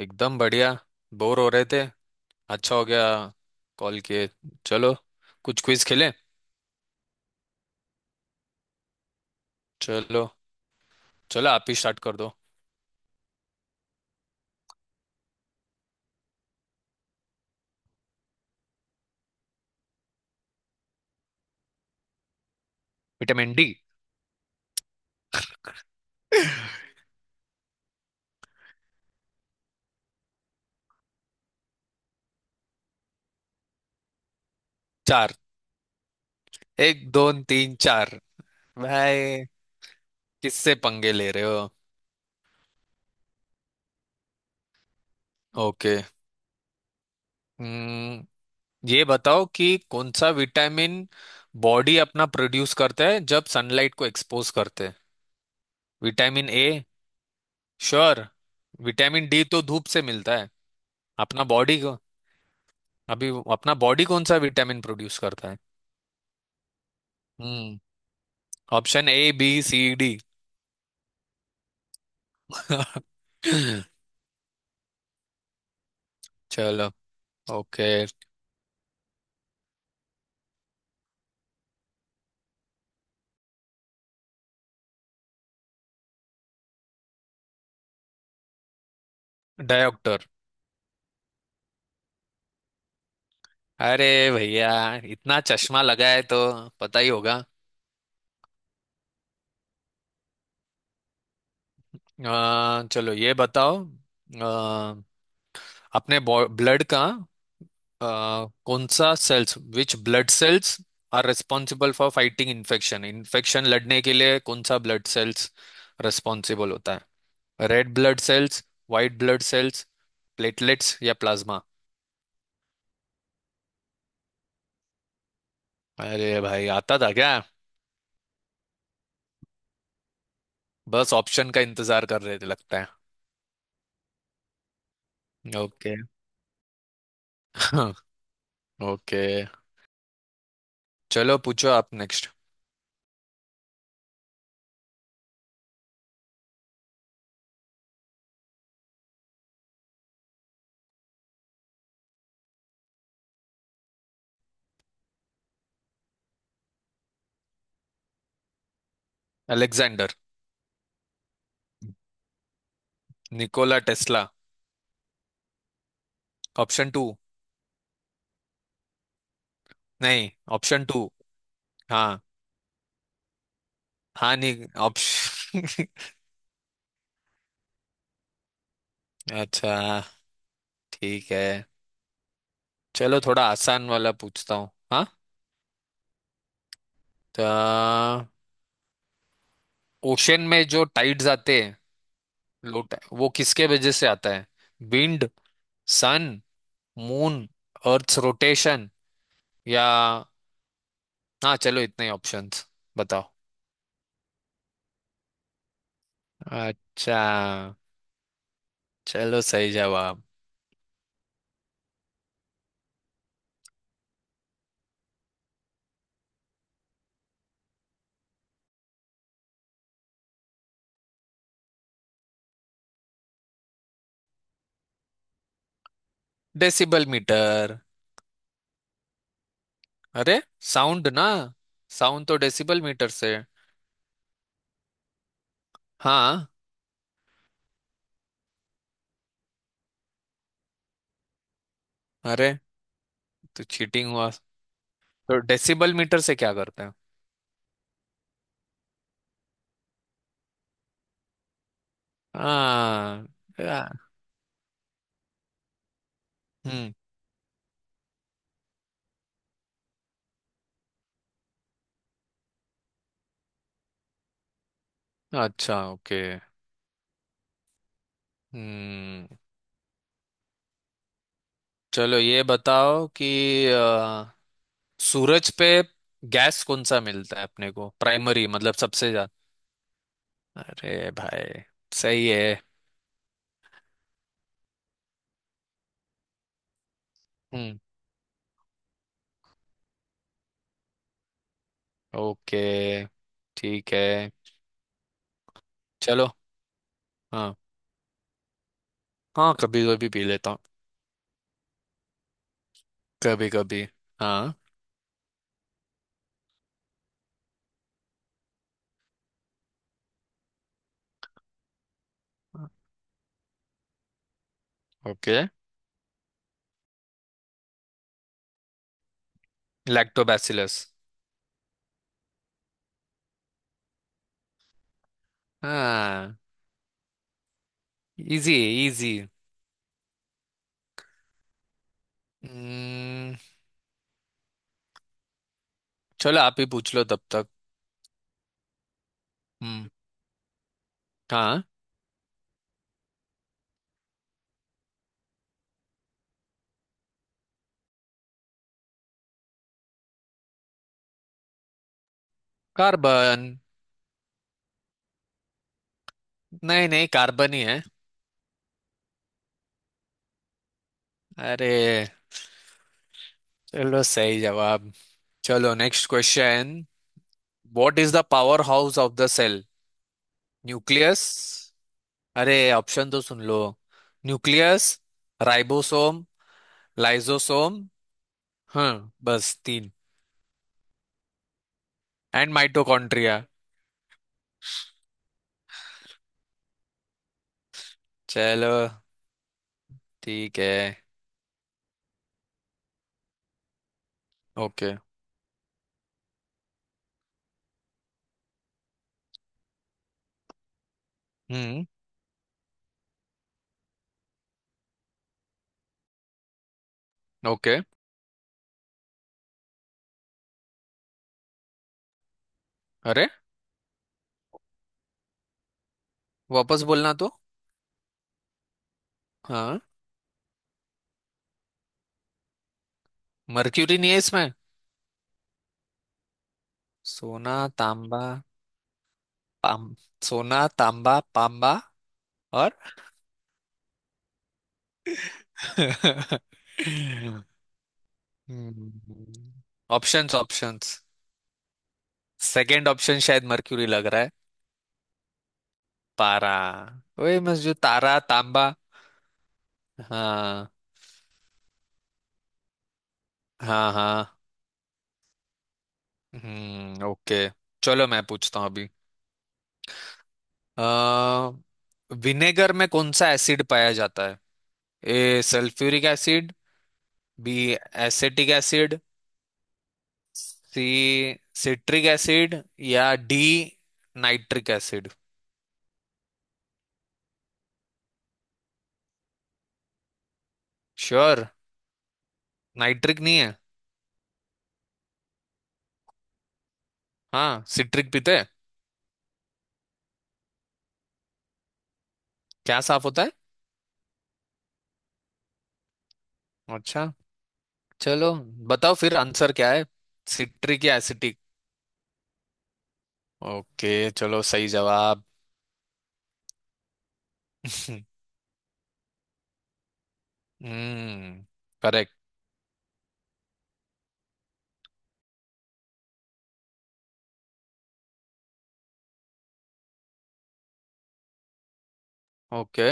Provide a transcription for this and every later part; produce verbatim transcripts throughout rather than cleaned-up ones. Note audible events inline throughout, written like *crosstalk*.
एकदम बढ़िया। बोर हो रहे थे। अच्छा हो गया। कॉल किए। चलो कुछ क्विज खेलें। चलो। चलो आप ही स्टार्ट कर दो। Vitamin D. *laughs* चार। एक दो तीन चार। भाई, किससे पंगे ले रहे हो? ओके। हम्म, ये बताओ कि कौन सा विटामिन बॉडी अपना प्रोड्यूस करता है जब सनलाइट को एक्सपोज करते हैं। Vitamin A. Sure. Vitamin D तो धूप से मिलता है। अपना बॉडी को। अभी वो- अपना बॉडी कौन सा विटामिन प्रोड्यूस करता है। Hmm. Option A B C D. *laughs* चलो। ओके। डायोक्टर। अरे भैया, इतना चश्मा लगा है तो पता ही होगा। अ, चलो ये बताओ। अ, अपने ब्लड का अ, कौन सा cells which blood cells are responsible for fighting infection. Infection लड़ने के लिए कौन सा ब्लड सेल्स रेस्पॉन्सिबल होता है? Red blood cells, white blood cells, platelets या प्लाज्मा। अरे भाई, आता था क्या? बस ऑप्शन का इंतजार कर रहे थे लगता है। ओके। *laughs* ओके, चलो पूछो आप next. Alexander. Nikola Tesla. Option two. नहीं। Option two. हाँ। हाँ नहीं ऑप्शन। *laughs* अच्छा। ठीक है। चलो थोड़ा आसान वाला पूछता हूँ, हाँ। तो ओशन में जो टाइड्स आते हैं, लो tide, वो किसके वजह से आता है? Wind, sun, moon, earth rotation या, हाँ चलो इतने ही ऑप्शंस। बताओ। अच्छा। चलो सही जवाब। Decibel meter. अरे साउंड ना, साउंड तो डेसिबल मीटर से है। हाँ। अरे तो चीटिंग हुआ। तो डेसिबल मीटर से क्या करते हैं? हाँ। या- हम्म। अच्छा ओके। हम्म। चलो ये बताओ कि सूरज पे गैस कौन सा मिलता है अपने को, प्राइमरी मतलब सबसे ज्यादा। अरे भाई सही है। हम्म। ओके। ठीक है। चलो। हाँ। हाँ, कभी कभी पी लेता हूँ। कभी कभी। हाँ। ओके। लैक्टोबैसिलस। हाँ। इजी। इजी। हम्म। चलो आप ही पूछ लो तब तक। हम्म। हाँ। कार्बन। नहीं नहीं, कार्बन ही है। अरे। चलो सही जवाब। चलो next question. What is the power house of the cell. Nucleus. अरे ऑप्शन तो सुन लो। Nucleus, ribosome, lysosome. हम्म बस तीन। And mitochondria. चलो। ठीक है। ओके। हम्म। ओके। अरे, वापस बोलना तो। हाँ। मर्क्यूरी नहीं है इसमें? सोना, तांबा, पाम। सोना तांबा पांबा और। *laughs* हम्म। Options options. सेकंड ऑप्शन शायद मर्क्यूरी लग रहा है। पारा। वही बस, जो तारा तांबा। हाँ। हाँ। हाँ। हम्म ओके। चलो मैं पूछता हूँ अभी। अ, विनेगर में कौन सा एसिड पाया जाता है? A sulphuric acid, B acetic acid, C citric acid या D nitric acid. Sure. Nitric नहीं है। हाँ, सिट्रिक पीते हैं। क्या साफ होता है? अच्छा। चलो, बताओ फिर आंसर क्या है? सिट्रिक या एसिटिक? ओके चलो सही जवाब। *laughs* हम्म। करेक्ट। ओके।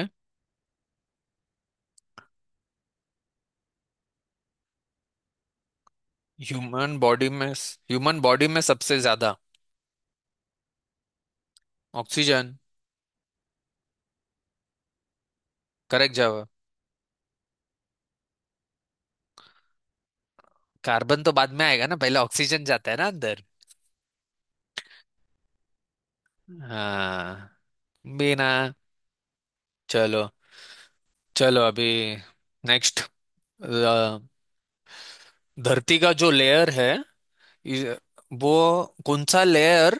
ह्यूमन बॉडी में ह्यूमन बॉडी में सबसे ज्यादा ऑक्सीजन। करेक्ट जवाब। कार्बन तो बाद में आएगा ना, पहले ऑक्सीजन जाता है ना अंदर। हाँ। बिना। चलो। चलो अभी नेक्स्ट। धरती का जो लेयर है, इस- वो कौन सा layer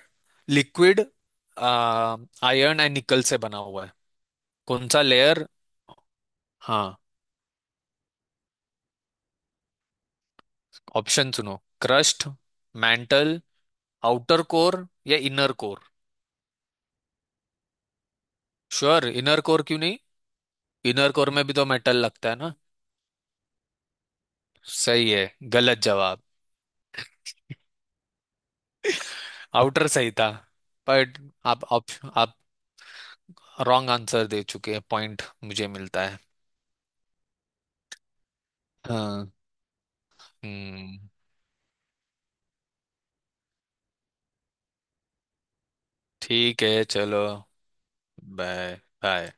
liquid iron and nickel से बना हुआ है? कौन सा लेयर? हाँ। ऑप्शन सुनो। क्रस्ट, मैंटल, आउटर कोर या inner core. Sure, inner core क्यों नहीं? इनर कोर में भी तो मेटल लगता है ना। सही है। गलत जवाब। आउटर सही था। बट आप आप, आप रॉन्ग आंसर दे चुके हैं, पॉइंट मुझे मिलता है। हाँ। हम्म। ठीक है। चलो बाय। बाय।